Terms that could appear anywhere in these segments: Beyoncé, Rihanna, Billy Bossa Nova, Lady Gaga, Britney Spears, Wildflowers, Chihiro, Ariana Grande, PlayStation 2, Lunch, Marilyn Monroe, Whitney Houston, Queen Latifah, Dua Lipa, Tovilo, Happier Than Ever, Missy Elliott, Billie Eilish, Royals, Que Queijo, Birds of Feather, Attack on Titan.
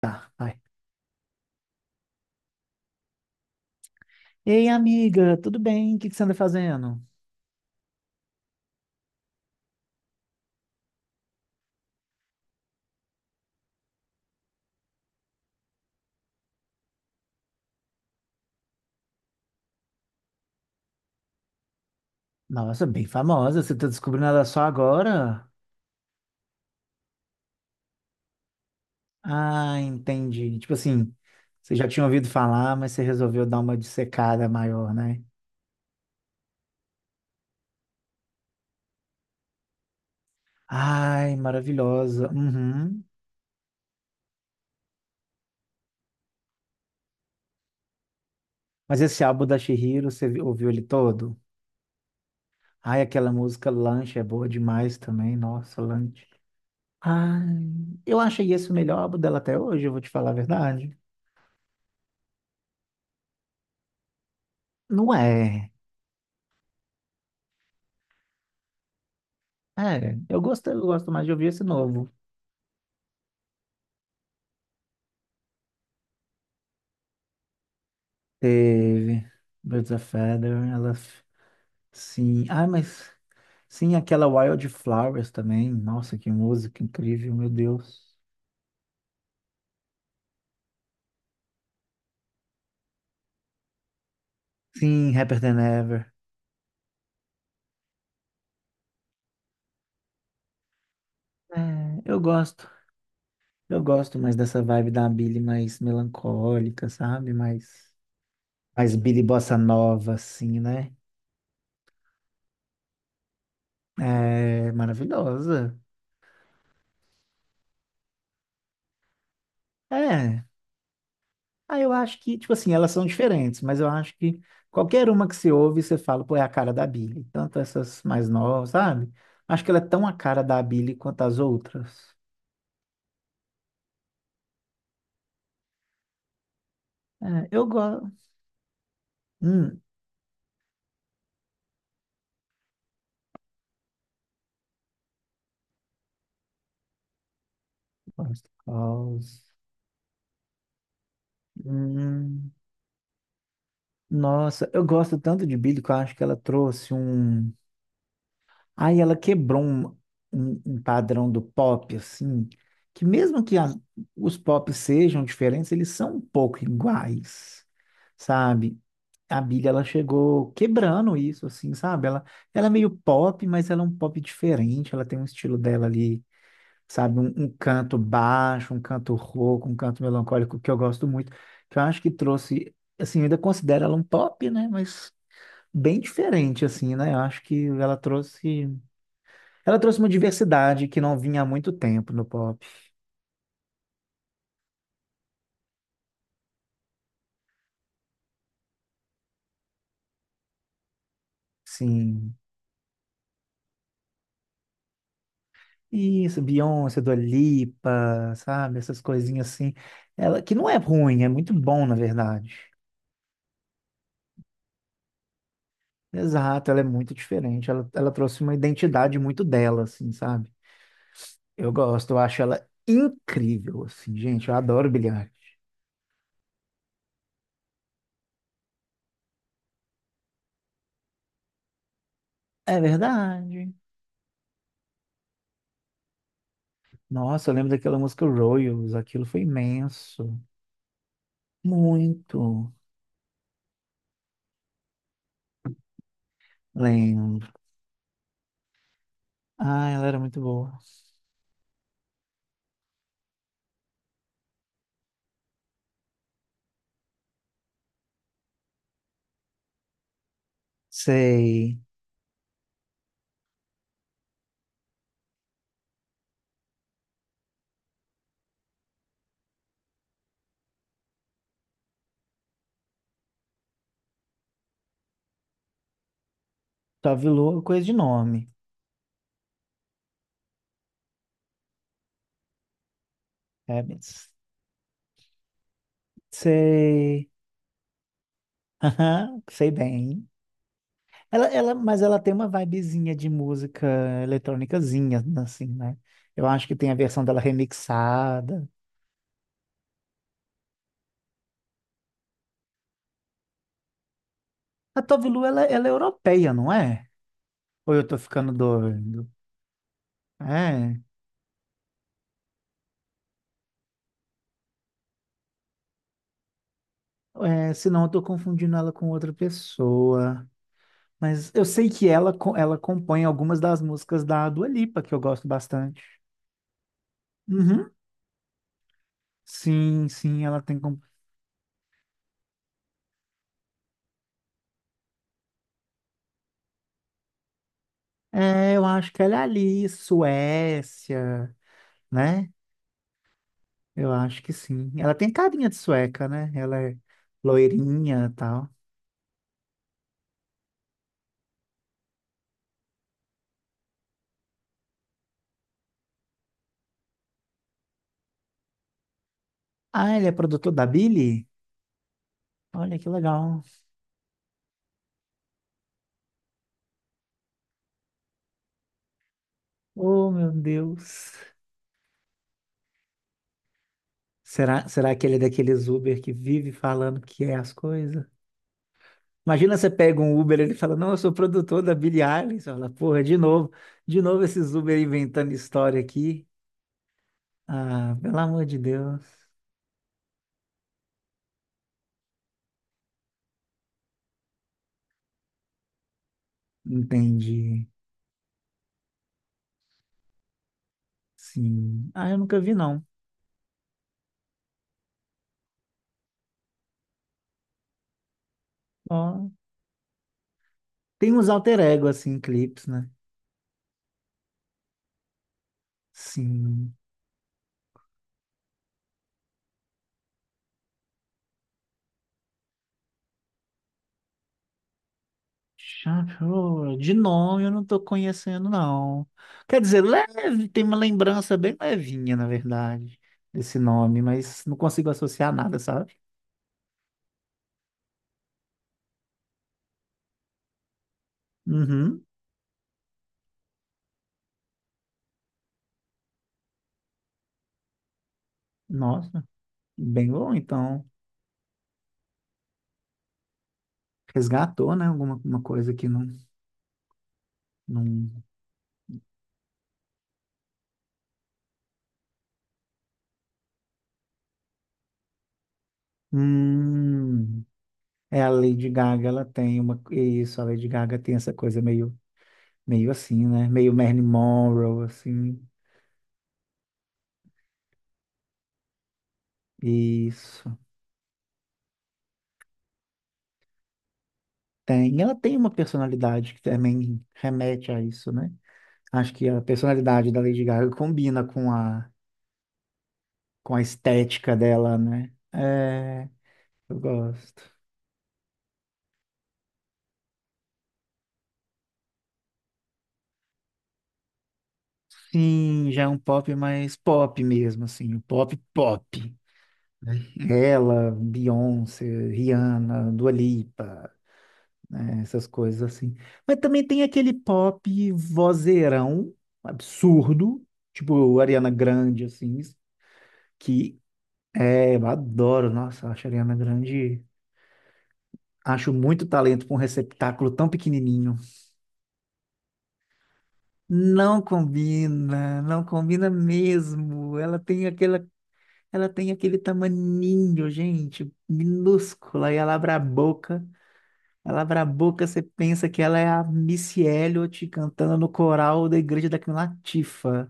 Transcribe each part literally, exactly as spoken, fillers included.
Tá, vai. Ei, amiga, tudo bem? O que que você anda fazendo? Nossa, bem famosa, você tá descobrindo ela só agora? Ah, entendi. Tipo assim, você já tinha ouvido falar, mas você resolveu dar uma dissecada maior, né? Ai, maravilhosa. Uhum. Mas esse álbum da Chihiro, você vi- ouviu ele todo? Ai, aquela música Lunch é boa demais também. Nossa, Lunch. Ai, eu achei esse o melhor álbum dela até hoje, eu vou te falar a verdade. Não é. É, eu gosto, eu gosto mais de ouvir esse novo. Teve Birds of Feather, ela f- sim. Ah, mas sim, aquela Wildflowers também. Nossa, que música incrível, meu Deus. Sim, Happier Than Ever. É, eu gosto. Eu gosto mais dessa vibe da Billy mais melancólica, sabe? Mais, mais Billy Bossa Nova, assim, né? É maravilhosa. É, ah, eu acho que, tipo assim, elas são diferentes, mas eu acho que qualquer uma que você ouve, você fala, pô, é a cara da Billie. Tanto essas mais novas, sabe? Acho que ela é tão a cara da Billie quanto as outras. É, eu gosto. Hum, gosto. Cause. Hum, nossa, eu gosto tanto de Billie que eu acho que ela trouxe um. Aí ela quebrou um, um- um padrão do pop, assim, que mesmo que as- os pop sejam diferentes, eles são um pouco iguais, sabe? A Billie, ela chegou quebrando isso, assim, sabe? Ela, ela é meio pop, mas ela é um pop diferente, ela tem um estilo dela ali, sabe? Um, um canto baixo, um canto rouco, um canto melancólico, que eu gosto muito, que eu acho que trouxe, assim, eu ainda considero ela um pop, né? Mas bem diferente, assim, né? Eu acho que ela trouxe. Ela trouxe uma diversidade que não vinha há muito tempo no pop. Sim. Isso, Beyoncé, Dua Lipa, sabe? Essas coisinhas assim. Ela, que não é ruim, é muito bom, na verdade. Exato, ela é muito diferente. Ela, ela trouxe uma identidade muito dela, assim, sabe? Eu gosto, eu acho ela incrível, assim, gente. Eu adoro Billie Eilish. É verdade. Nossa, eu lembro daquela música Royals, aquilo foi imenso. Muito. Lembro. Ah, ela era muito boa. Sei. Tovilo é coisa de nome. É, mas sei. Aham, sei bem. Ela, ela, mas ela tem uma vibezinha de música eletrônicazinha, assim, né? Eu acho que tem a versão dela remixada. A Tovilu, ela, ela é europeia, não é? Ou eu tô ficando doido? É, é, senão eu tô confundindo ela com outra pessoa. Mas eu sei que ela, co- ela compõe algumas das músicas da Dua Lipa, que eu gosto bastante. Uhum. Sim, sim, ela tem. É, eu acho que ela é ali, Suécia, né? Eu acho que sim. Ela tem carinha de sueca, né? Ela é loirinha e tal. Ah, ele é produtor da Billy? Olha que legal. Oh, meu Deus. Será, será que ele é daqueles Uber que vive falando que é as coisas? Imagina você pega um Uber, ele fala, não, eu sou produtor da Billie Eilish. Você fala, porra, de novo, de novo esses Uber inventando história aqui. Ah, pelo amor de Deus. Entendi. Sim. Ah, eu nunca vi, não. Ó, tem uns alter ego, assim, em clipes, né? Sim. Chacho, de nome eu não tô conhecendo, não. Quer dizer, leve, tem uma lembrança bem levinha, na verdade, desse nome, mas não consigo associar nada, sabe? Uhum. Nossa, bem bom, então. Resgatou, né? Alguma uma coisa que não, não... Hum. É, a Lady Gaga, ela tem uma... Isso, a Lady Gaga tem essa coisa meio meio assim, né? Meio Marilyn Monroe, assim. Isso. Tem. Ela tem uma personalidade que também remete a isso, né? Acho que a personalidade da Lady Gaga combina com a, com a estética dela, né? É, eu gosto. Sim, já é um pop mais pop mesmo, assim. Um pop, pop. Ela, Beyoncé, Rihanna, Dua Lipa. Né, essas coisas assim. Mas também tem aquele pop vozeirão absurdo, tipo Ariana Grande, assim, que é, eu adoro, nossa, acho a Ariana Grande, acho muito talento para um receptáculo tão pequenininho. Não combina, não combina mesmo. Ela tem aquela, ela tem aquele tamaninho, gente, minúscula, e ela abre a boca Ela abre a boca, você pensa que ela é a Missy Elliott cantando no coral da igreja da Queen Latifah.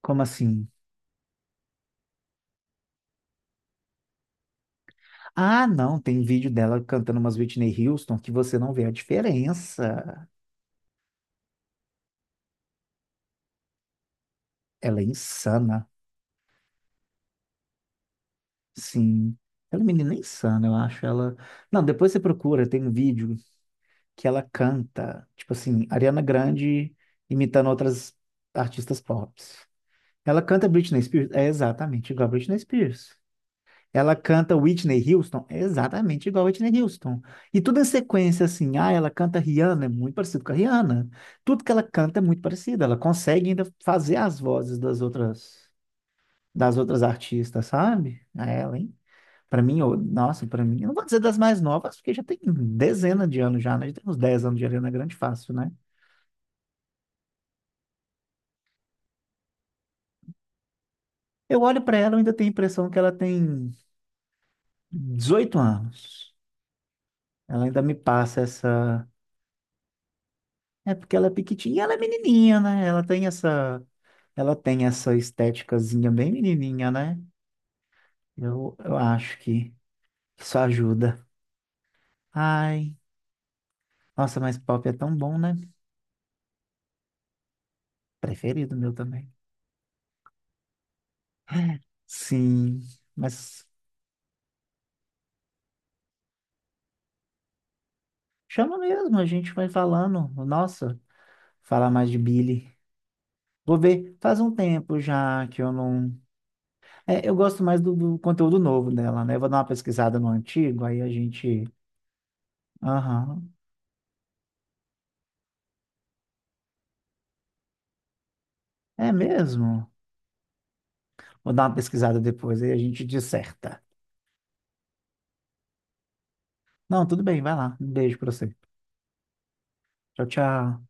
Como assim? Ah, não, tem vídeo dela cantando umas Whitney Houston que você não vê a diferença. Ela é insana, sim. Ela é uma menina insana, eu acho. Ela. Não, depois você procura, tem um vídeo que ela canta, tipo assim, Ariana Grande imitando outras artistas pop. Ela canta Britney Spears, é exatamente igual a Britney Spears. Ela canta Whitney Houston, é exatamente igual a Whitney Houston. E tudo em sequência, assim, ah, ela canta Rihanna, é muito parecido com a Rihanna. Tudo que ela canta é muito parecido, ela consegue ainda fazer as vozes das outras das outras artistas, sabe? A ela, hein? Pra mim, eu- nossa, pra mim, eu não vou dizer das mais novas, porque já tem dezena de anos já, né? Já tem uns dez anos de Ariana Grande fácil, né? Eu olho pra ela, eu ainda tenho a impressão que ela tem dezoito anos. Ela ainda me passa essa. É porque ela é pequitinha, ela é menininha, né? Ela tem essa, ela tem essa esteticazinha bem menininha, né? Eu, eu acho que isso ajuda. Ai, nossa, mas pop é tão bom, né? Preferido meu também. Sim, mas chama mesmo, a gente vai falando. Nossa, falar mais de Billy. Vou ver, faz um tempo já que eu não. É, eu gosto mais do, do conteúdo novo dela, né? Eu vou dar uma pesquisada no antigo, aí a gente. Aham. É mesmo? Vou dar uma pesquisada depois e a gente disserta. Não, tudo bem, vai lá. Um beijo pra você. Tchau, tchau.